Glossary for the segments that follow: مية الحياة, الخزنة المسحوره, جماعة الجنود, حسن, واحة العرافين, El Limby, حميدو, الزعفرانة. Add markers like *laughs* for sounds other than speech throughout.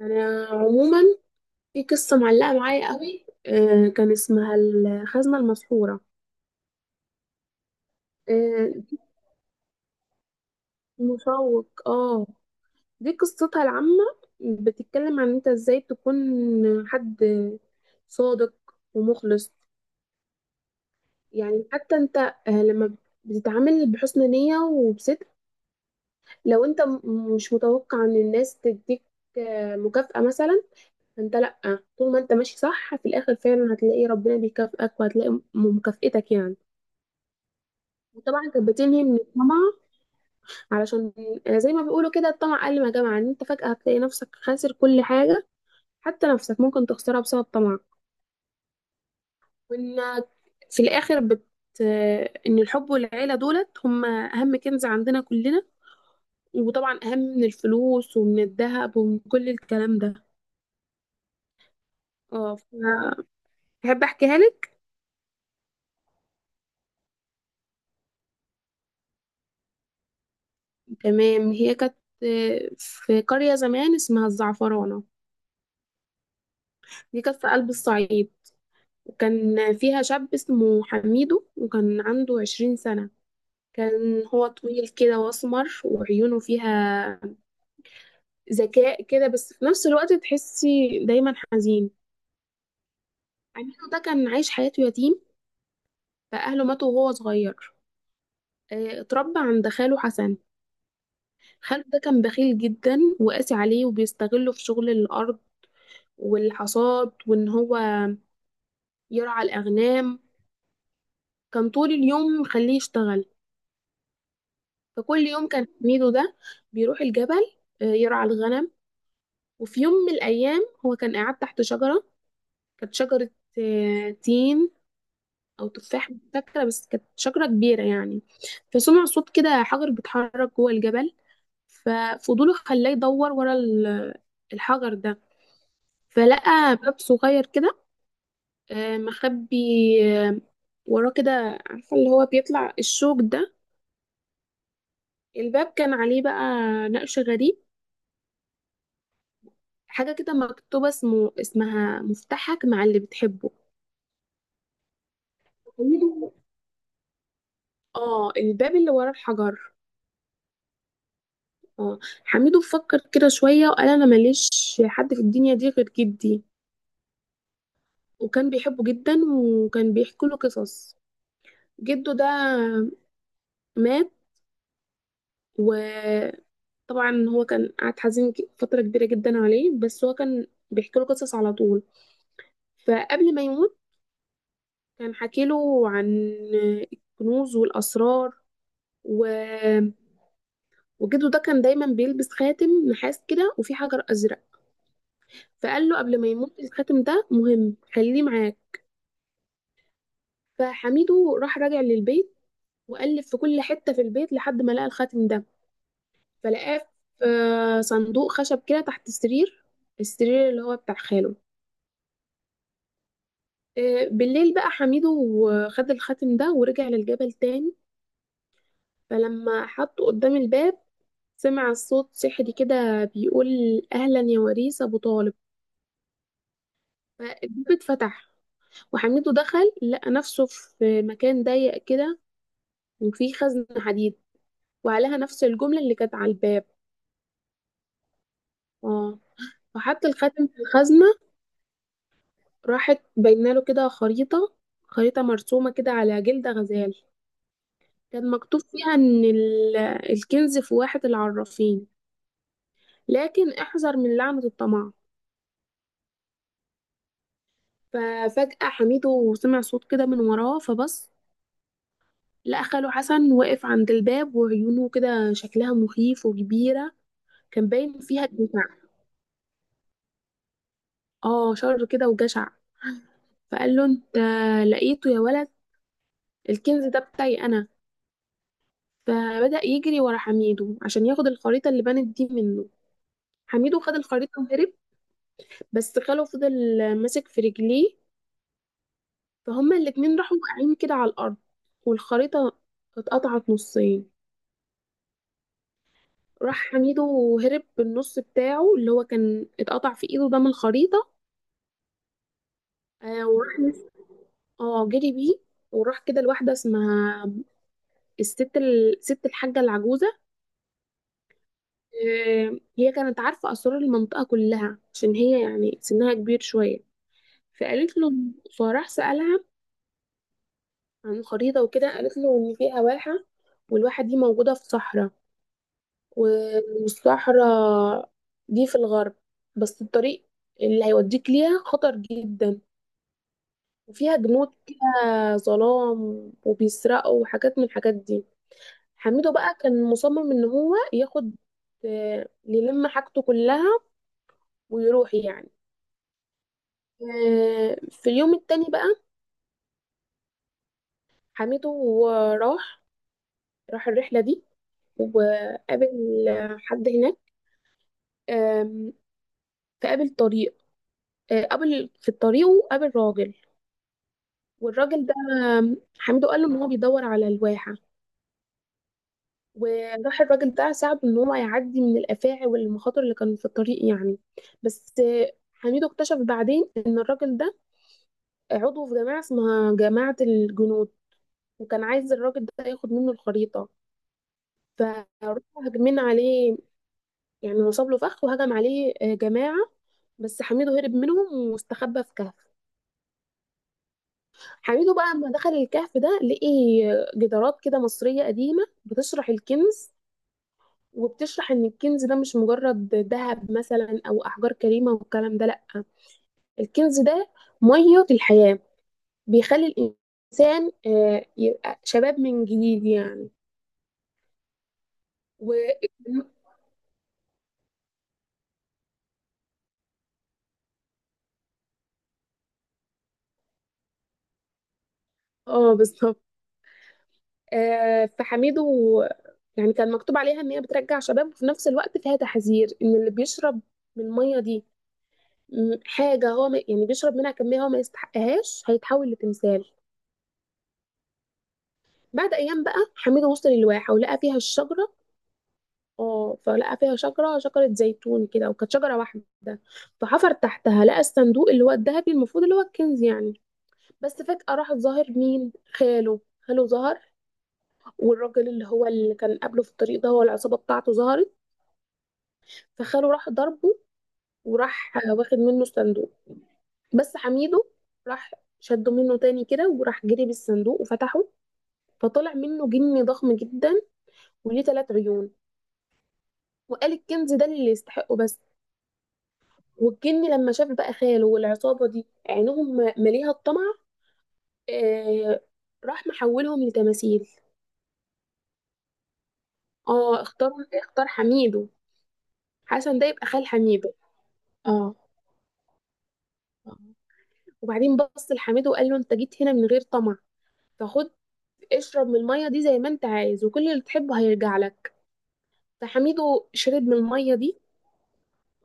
انا عموما في قصه معلقه معايا قوي كان اسمها الخزنه المسحوره. آه، مشوق اه. دي قصتها العامه. بتتكلم عن انت ازاي تكون حد صادق ومخلص. يعني حتى انت لما بتتعامل بحسن نيه وبصدق، لو انت مش متوقع ان الناس تديك مكافأة مثلا، انت لأ. طول ما انت ماشي صح في الآخر فعلا هتلاقي ربنا بيكافئك وهتلاقي مكافئتك يعني. وطبعا كانت بتلهي من الطمع، علشان زي ما بيقولوا كده الطمع قل ما جمع، ان انت فجأة هتلاقي نفسك خاسر كل حاجة، حتى نفسك ممكن تخسرها بسبب طمع. وانك في الاخر ان الحب والعيلة دولت هم اهم كنز عندنا كلنا، وطبعا اهم من الفلوس ومن الذهب ومن كل الكلام ده. اه، فبحب احكيها لك. تمام. هي كانت في قرية زمان اسمها الزعفرانة. دي كانت في قلب الصعيد. كان فيها شاب اسمه حميدو وكان عنده 20 سنة. كان هو طويل كده واسمر وعيونه فيها ذكاء كده، بس في نفس الوقت تحسي دايما حزين. حميدو ده كان عايش حياته يتيم، فأهله ماتوا وهو صغير. اتربى عند خاله حسن. خاله ده كان بخيل جدا وقاسي عليه وبيستغله في شغل الأرض والحصاد، وإن هو يرعى الأغنام. كان طول اليوم مخليه يشتغل. فكل يوم كان حميدو ده بيروح الجبل يرعى الغنم. وفي يوم من الأيام هو كان قاعد تحت شجرة، كانت شجرة تين أو تفاح، مش فاكرة، بس كانت شجرة كبيرة يعني. فسمع صوت كده حجر بيتحرك جوه الجبل، ففضوله خلاه يدور ورا الحجر ده. فلقى باب صغير كده مخبي آه، وراه كده، عارفة اللي هو بيطلع الشوك ده. الباب كان عليه بقى نقش غريب، حاجة كده مكتوبة اسمها مفتاحك مع اللي بتحبه. حميدو، اه الباب اللي ورا الحجر. اه. حميدو فكر كده شوية وقال انا ماليش حد في الدنيا دي غير جدي. وكان بيحبه جدا وكان بيحكي له قصص. جده ده مات، وطبعا هو كان قعد حزين فترة كبيرة جدا عليه، بس هو كان بيحكي له قصص على طول. فقبل ما يموت كان حكي له عن الكنوز والأسرار. وجده ده كان دايما بيلبس خاتم نحاس كده وفيه حجر ازرق. فقال له قبل ما يموت، الخاتم ده مهم خليه معاك. فحميده راح راجع للبيت، وقلب في كل حته في البيت لحد ما لقى الخاتم ده. فلقاه في صندوق خشب كده تحت السرير، السرير اللي هو بتاع خاله. بالليل بقى حميده خد الخاتم ده ورجع للجبل تاني. فلما حطه قدام الباب، سمع الصوت سحري كده بيقول: اهلا يا وريث ابو طالب. فالباب اتفتح، وحميد دخل لقى نفسه في مكان ضيق كده، وفيه خزنة حديد، وعليها نفس الجملة اللي كانت على الباب. اه، فحط الخاتم في الخزنة، راحت باينة له كده خريطة، خريطة مرسومة كده على جلد غزال. كان مكتوب فيها إن الكنز في واحة العرافين، لكن احذر من لعنة الطمع. ففجأة حميدو سمع صوت كده من وراه فبص، لقى خاله حسن واقف عند الباب وعيونه كده شكلها مخيف وكبيرة. كان باين فيها الدفاع. اه شر كده وجشع. فقال له: انت لقيته يا ولد، الكنز ده بتاعي انا. فبدأ يجري ورا حميدو عشان ياخد الخريطة اللي بانت دي منه. حميدو خد الخريطة وهرب، بس خاله فضل ماسك في رجليه، فهما الاتنين راحوا واقعين كده على الأرض، والخريطة اتقطعت نصين. راح حميدو وهرب بالنص بتاعه اللي هو كان اتقطع في ايده ده من الخريطة. آه وراح نس- اه جري بيه. وراح كده لواحدة اسمها ست الحاجة العجوزة. هي كانت عارفة أسرار المنطقة كلها عشان هي يعني سنها كبير شوية. فقالت له، فراح سألها عن الخريطة وكده، قالت له إن فيها واحة، والواحة دي موجودة في صحراء والصحراء دي في الغرب، بس الطريق اللي هيوديك ليها خطر جدا، وفيها جنود كده ظلام وبيسرقوا وحاجات من الحاجات دي. حميدو بقى كان مصمم إن هو ياخد يلم حاجته كلها ويروح يعني. في اليوم التاني بقى حميدو راح راح الرحلة دي وقابل حد هناك. آم، فقابل طريق قابل في الطريق وقابل راجل. والراجل ده حميدو قال له ان هو بيدور على الواحة، وراح الراجل ده ساعده ان هو يعدي من الافاعي والمخاطر اللي كانوا في الطريق يعني. بس حميدو اكتشف بعدين ان الراجل ده عضو في جماعة اسمها جماعة الجنود، وكان عايز الراجل ده ياخد منه الخريطة. فراحوا هاجمين عليه، يعني نصب له فخ وهجم عليه جماعة. بس حميدو هرب منهم واستخبى في كهف. حميدو بقى لما دخل الكهف ده لقي جدارات كده مصرية قديمة بتشرح الكنز، وبتشرح ان الكنز ده مش مجرد ذهب مثلا او احجار كريمة والكلام ده لا، الكنز ده مية الحياة، بيخلي الانسان يبقى شباب من جديد يعني. و *laughs* اه بالظبط. فحميدو يعني كان مكتوب عليها ان هي بترجع شباب، وفي نفس الوقت فيها تحذير ان اللي بيشرب من الميه دي حاجه، هو ما يعني بيشرب منها كميه هو ما يستحقهاش هيتحول لتمثال. بعد ايام بقى حميدو وصل الواحه ولقى فيها الشجره. اه فلقى فيها شجره زيتون كده وكانت شجره واحده. فحفر تحتها لقى الصندوق اللي هو الذهبي المفروض اللي هو الكنز يعني. بس فجاه راح ظاهر مين؟ خاله ظهر. والراجل اللي هو اللي كان قابله في الطريق ده، هو العصابه بتاعته ظهرت. فخاله راح ضربه وراح واخد منه صندوق. بس حميده راح شده منه تاني كده وراح جري بالصندوق وفتحه، فطلع منه جني ضخم جدا وليه ثلاث عيون. وقال الكنز ده اللي يستحقه بس. والجني لما شاف بقى خاله والعصابة دي عينهم مليها الطمع، آه، راح محولهم لتماثيل. اه اختار حميده. حسن ده يبقى خال حميده، اه. وبعدين بص لحميده وقال له: انت جيت هنا من غير طمع، فخد اشرب من المية دي زي ما انت عايز وكل اللي تحبه هيرجع لك. فحميدو شرب من المية دي،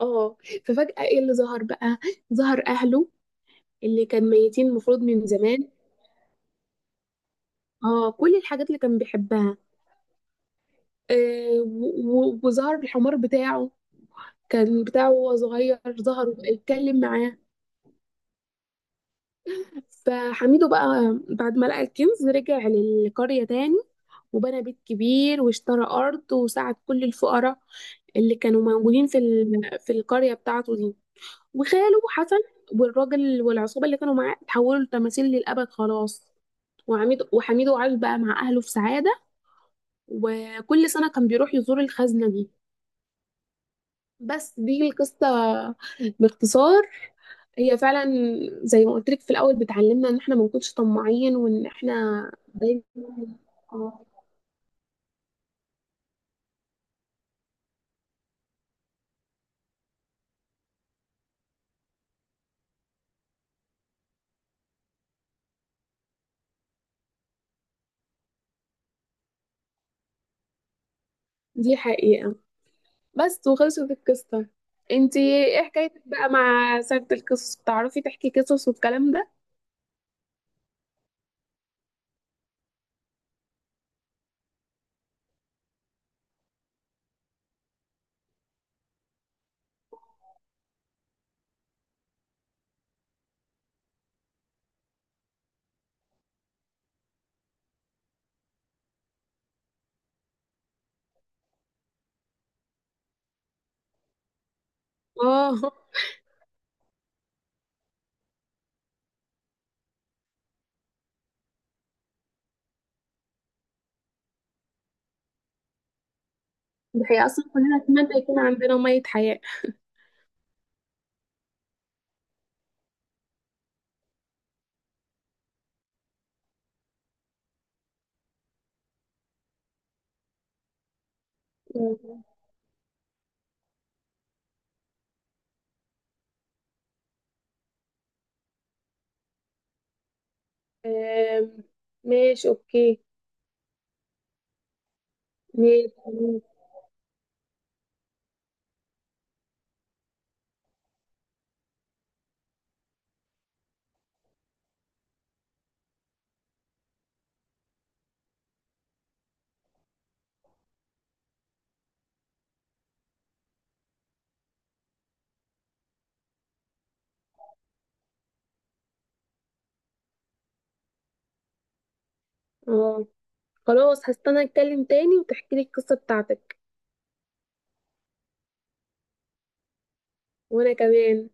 اه. ففجأة ايه اللي ظهر بقى؟ ظهر اهله اللي كان ميتين المفروض من زمان، اه، كل الحاجات اللي كان بيحبها، وظهر الحمار بتاعه، كان بتاعه وهو صغير، ظهر اتكلم معاه. فحميدو بقى بعد ما لقى الكنز رجع للقرية تاني، وبنى بيت كبير واشترى أرض وساعد كل الفقراء اللي كانوا موجودين في في القرية بتاعته دي. وخاله حسن والراجل والعصابة اللي كانوا معاه اتحولوا لتماثيل للأبد خلاص. وعميد وحميد وعاد بقى مع أهله في سعادة، وكل سنة كان بيروح يزور الخزنة دي. بس دي القصة باختصار. هي فعلا زي ما قلت لك في الأول بتعلمنا إن احنا ما نكونش طماعين وإن احنا دايما. آه، دي حقيقة. بس وخلصت القصة. انتي ايه حكايتك بقى مع سيرة القصص؟ بتعرفي تحكي قصص والكلام ده؟ اه دي حقيقة، أصلا كلنا نتمنى يكون عندنا مية حياة. مم. آم، ماشي أوكي. ماشي خلاص. اه خلاص، هستنى أتكلم تاني وتحكي لي القصة بتاعتك. وأنا كمان.